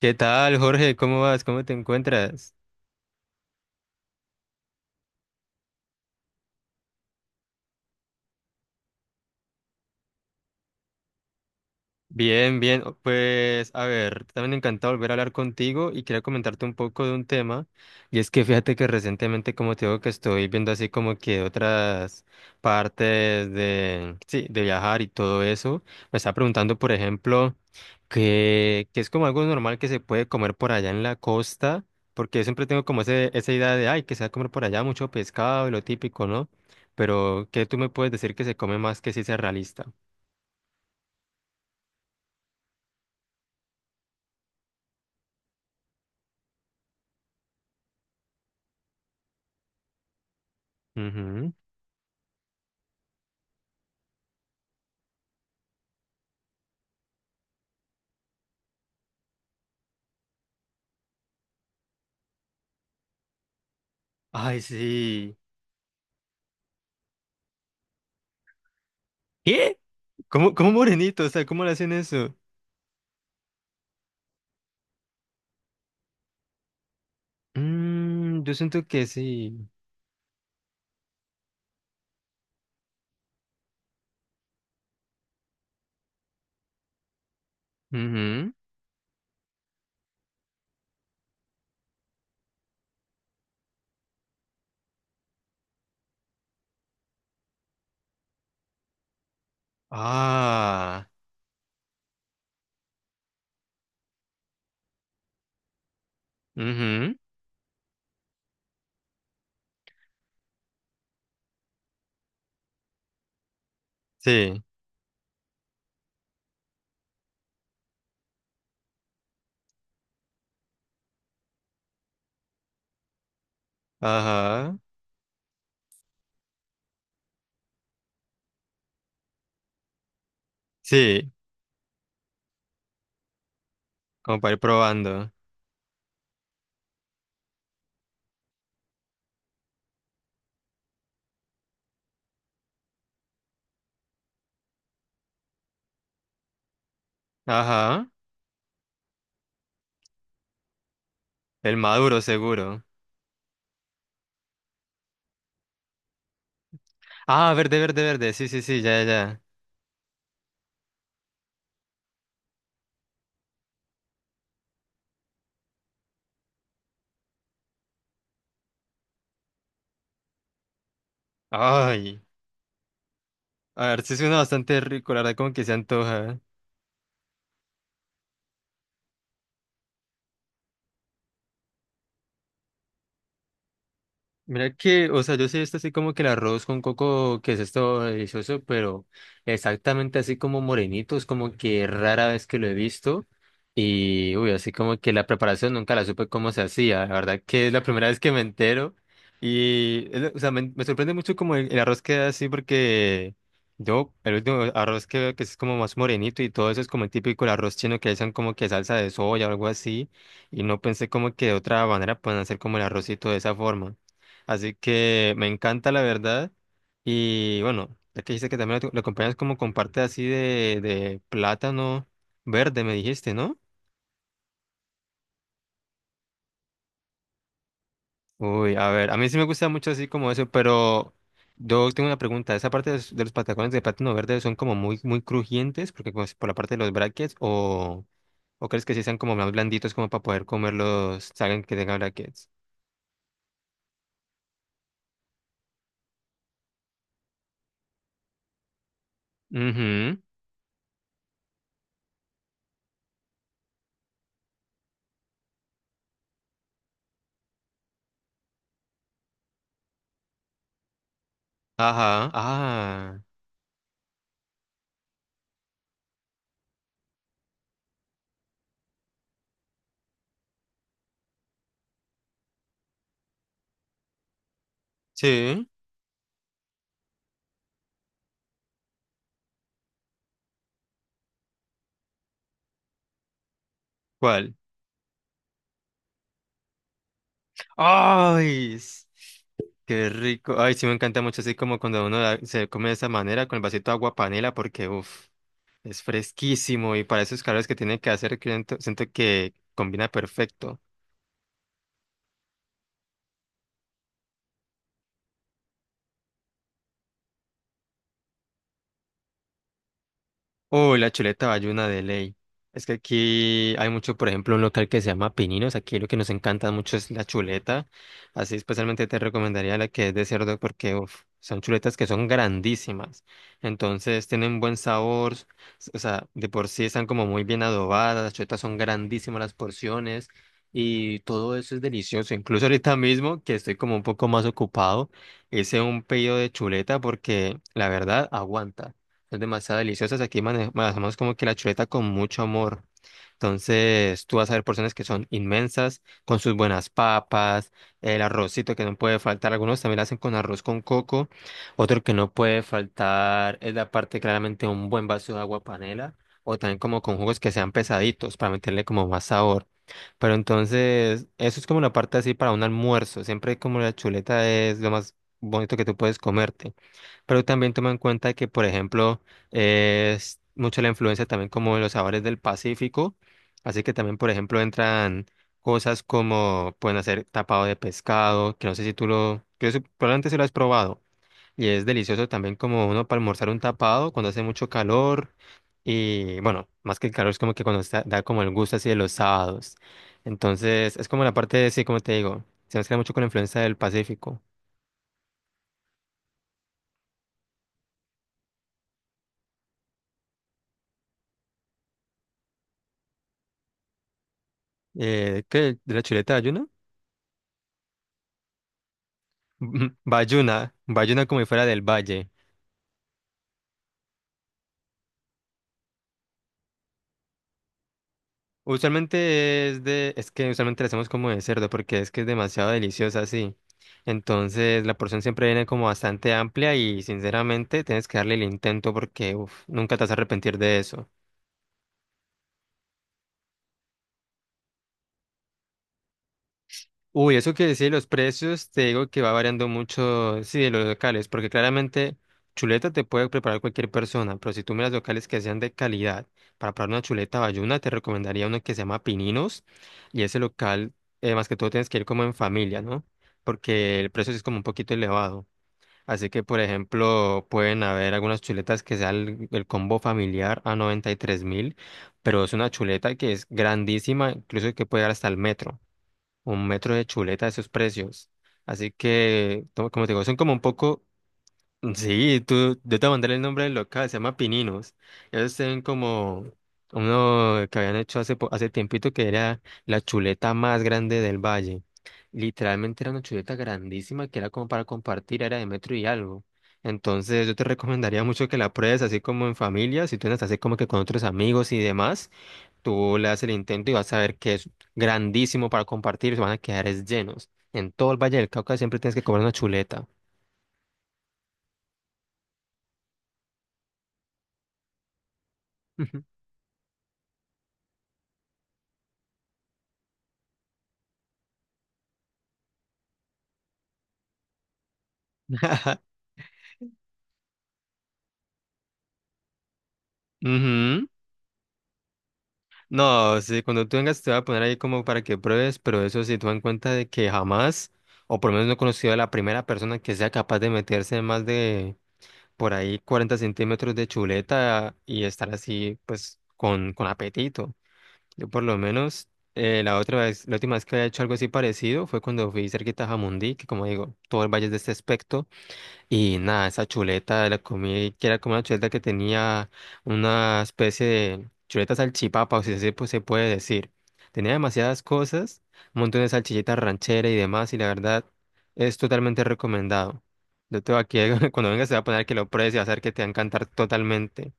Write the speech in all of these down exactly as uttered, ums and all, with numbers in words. ¿Qué tal, Jorge? ¿Cómo vas? ¿Cómo te encuentras? Bien, bien. o- Pues, a ver, también encantado volver a hablar contigo y quería comentarte un poco de un tema. Y es que fíjate que recientemente, como te digo, que estoy viendo así como que otras partes de, sí, de viajar y todo eso. Me estaba preguntando, por ejemplo, que, que es como algo normal que se puede comer por allá en la costa, porque siempre tengo como ese, esa idea de, ay, que se va a comer por allá mucho pescado y lo típico, ¿no? Pero, ¿qué tú me puedes decir que se come más que sí sea realista? Ay, sí. ¿Qué? ¿Cómo, cómo morenito? O sea, ¿cómo le hacen eso? Mm, yo siento que sí. Ujú. Ah. Ujú. Sí. Ajá. Sí. Como para ir probando. Ajá. El maduro, seguro. Ah, verde, verde, verde. Sí, sí, sí, ya, ya, ya. Ay. A ver, sí suena bastante rico, la verdad, como que se antoja. Mira que, o sea, yo sí he visto así como que el arroz con coco, que es esto delicioso, pero exactamente así como morenitos, como que rara vez que lo he visto. Y, uy, así como que la preparación nunca la supe cómo se hacía. La verdad que es la primera vez que me entero. Y, es lo- o sea, me, me sorprende mucho como el, el arroz queda así porque yo, el último arroz que veo que es como más morenito y todo eso es como el típico el arroz chino que le echan como que salsa de soya o algo así. Y no pensé como que de otra manera pueden hacer como el arrocito de esa forma. Así que me encanta la verdad. Y bueno, ya que dijiste que también lo, lo acompañas como con parte así de, de plátano verde, me dijiste, ¿no? Uy, a ver, a mí sí me gusta mucho así como eso, pero yo tengo una pregunta. ¿Esa parte de los, de los patacones de plátano verde son como muy, muy crujientes? Porque pues por la parte de los brackets, o, o crees que sí sean como más blanditos como para poder comerlos, salgan que tengan brackets? Ujú. Ajá, ah, sí. ¿Cuál? ¡Ay! s- ¡Qué rico! Ay, sí me encanta mucho así como cuando uno la- se come de esa manera con el vasito de agua panela porque, uff, es fresquísimo y para esos calores que tiene que hacer, que siento siento que combina perfecto. Uy, la chuleta bayuna de ley. Es que aquí hay mucho, por ejemplo, un local que se llama Pininos. Aquí lo que nos encanta mucho es la chuleta. Así especialmente te recomendaría la que es de cerdo porque uf, son chuletas que son grandísimas. Entonces tienen buen sabor. s- O sea, de por sí están como muy bien adobadas. Las chuletas son grandísimas las porciones. Y todo eso es delicioso. Incluso ahorita mismo, que estoy como un poco más ocupado, hice un pedido de chuleta porque la verdad aguanta. Son demasiado deliciosas. Aquí mane- manejamos como que la chuleta con mucho amor. Entonces, tú vas a ver porciones que son inmensas, con sus buenas papas, el arrocito que no puede faltar. Algunos también la hacen con arroz con coco. Otro que no puede faltar es la parte claramente un buen vaso de agua panela. O también como con jugos que sean pesaditos para meterle como más sabor. Pero entonces, eso es como la parte así para un almuerzo. Siempre como la chuleta es lo más bonito que tú puedes comerte. Pero también toma en cuenta que, por ejemplo, es mucho la influencia también como de los sabores del Pacífico. Así que también, por ejemplo, entran cosas como pueden hacer tapado de pescado, que no sé si tú lo, que eso- probablemente si lo has probado. Y es delicioso también como uno para almorzar un tapado cuando hace mucho calor. Y bueno, más que el calor es como que cuando está- da como el gusto así de los sábados. Entonces, es como la parte de, sí, como te digo, se mezcla mucho con la influencia del Pacífico. Eh, ¿qué? ¿De la chuleta de ayuno? Bayuna, Bayuna como si fuera del valle. Usualmente es de, es que usualmente la hacemos como de cerdo porque es que es demasiado deliciosa así. Entonces la porción siempre viene como bastante amplia y sinceramente tienes que darle el intento porque uf, nunca te vas a arrepentir de eso. Uy, eso que decía de los precios, te digo que va variando mucho, sí, de los locales, porque claramente chuleta te puede preparar cualquier persona, pero si tú miras locales que sean de calidad, para preparar una chuleta bayuna, te recomendaría uno que se llama Pininos, y ese local, eh, más que todo, tienes que ir como en familia, ¿no? Porque el precio sí es como un poquito elevado. Así que, por ejemplo, pueden haber algunas chuletas que sean el, el combo familiar a 93 mil, pero es una chuleta que es grandísima, incluso que puede llegar hasta el metro un metro de chuleta de esos precios. Así que, to- como te digo, son como un poco, sí, tú, yo te mandé el nombre del local, se llama Pininos. Ellos tienen como uno que habían hecho hace, po- hace tiempito que era la chuleta más grande del valle. Literalmente era una chuleta grandísima que era como para compartir, era de metro y algo. Entonces yo te recomendaría mucho que la pruebes así como en familia, si tú andas así como que con otros amigos y demás. Tú le das el intento y vas a ver que es grandísimo para compartir, se van a quedar es llenos. En todo el Valle del Cauca siempre tienes que comer una chuleta. Ujú. Ujú. No, sí, cuando tú vengas te voy a poner ahí como para que pruebes, pero eso sí, toma en cuenta de que jamás, o por lo menos no he conocido a la primera persona que sea capaz de meterse más de por ahí cuarenta centímetros de chuleta y estar así, pues, con, con apetito. Yo por lo menos eh, la otra vez, la última vez que había hecho algo así parecido fue cuando fui cerquita a Jamundí, que como digo, todo el valle es de este aspecto, y nada, esa chuleta la comí, que era como una chuleta que tenía una especie de chuleta salchipapa, o si así pues, se puede decir. Tenía demasiadas cosas, un montón de salchichitas ranchera y demás, y la verdad es totalmente recomendado. Yo te voy aquí, cuando vengas se va a poner que lo pruebes y va a hacer que te va a encantar totalmente.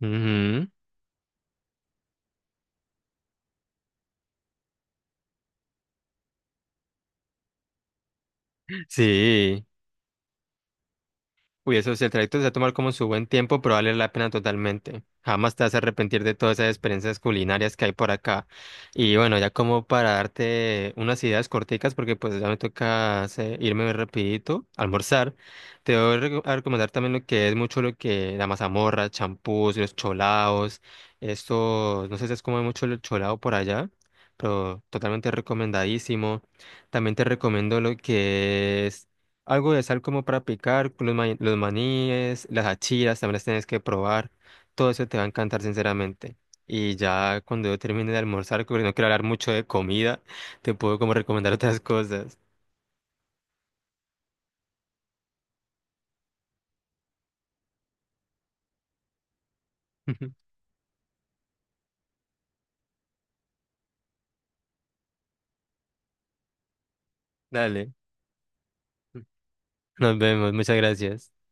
Ujú. Sí. Uy, eso si el trayecto se va a tomar como su buen tiempo, pero vale la pena totalmente. Jamás te vas a arrepentir de todas esas experiencias culinarias que hay por acá. Y bueno, ya como para darte unas ideas corticas, porque pues ya me toca hacer- irme rapidito, almorzar, te voy a reco- a recomendar también lo que es mucho lo que la mazamorra, champús, los cholaos, esto, no sé si es como mucho el cholao por allá, pero totalmente recomendadísimo. También te recomiendo lo que es algo de sal como para picar, los, ma- los maníes, las achiras, también las tienes que probar. Todo eso te va a encantar, sinceramente. Y ya cuando yo termine de almorzar, porque no quiero hablar mucho de comida, te puedo como recomendar otras cosas. Dale, nos vemos, muchas gracias.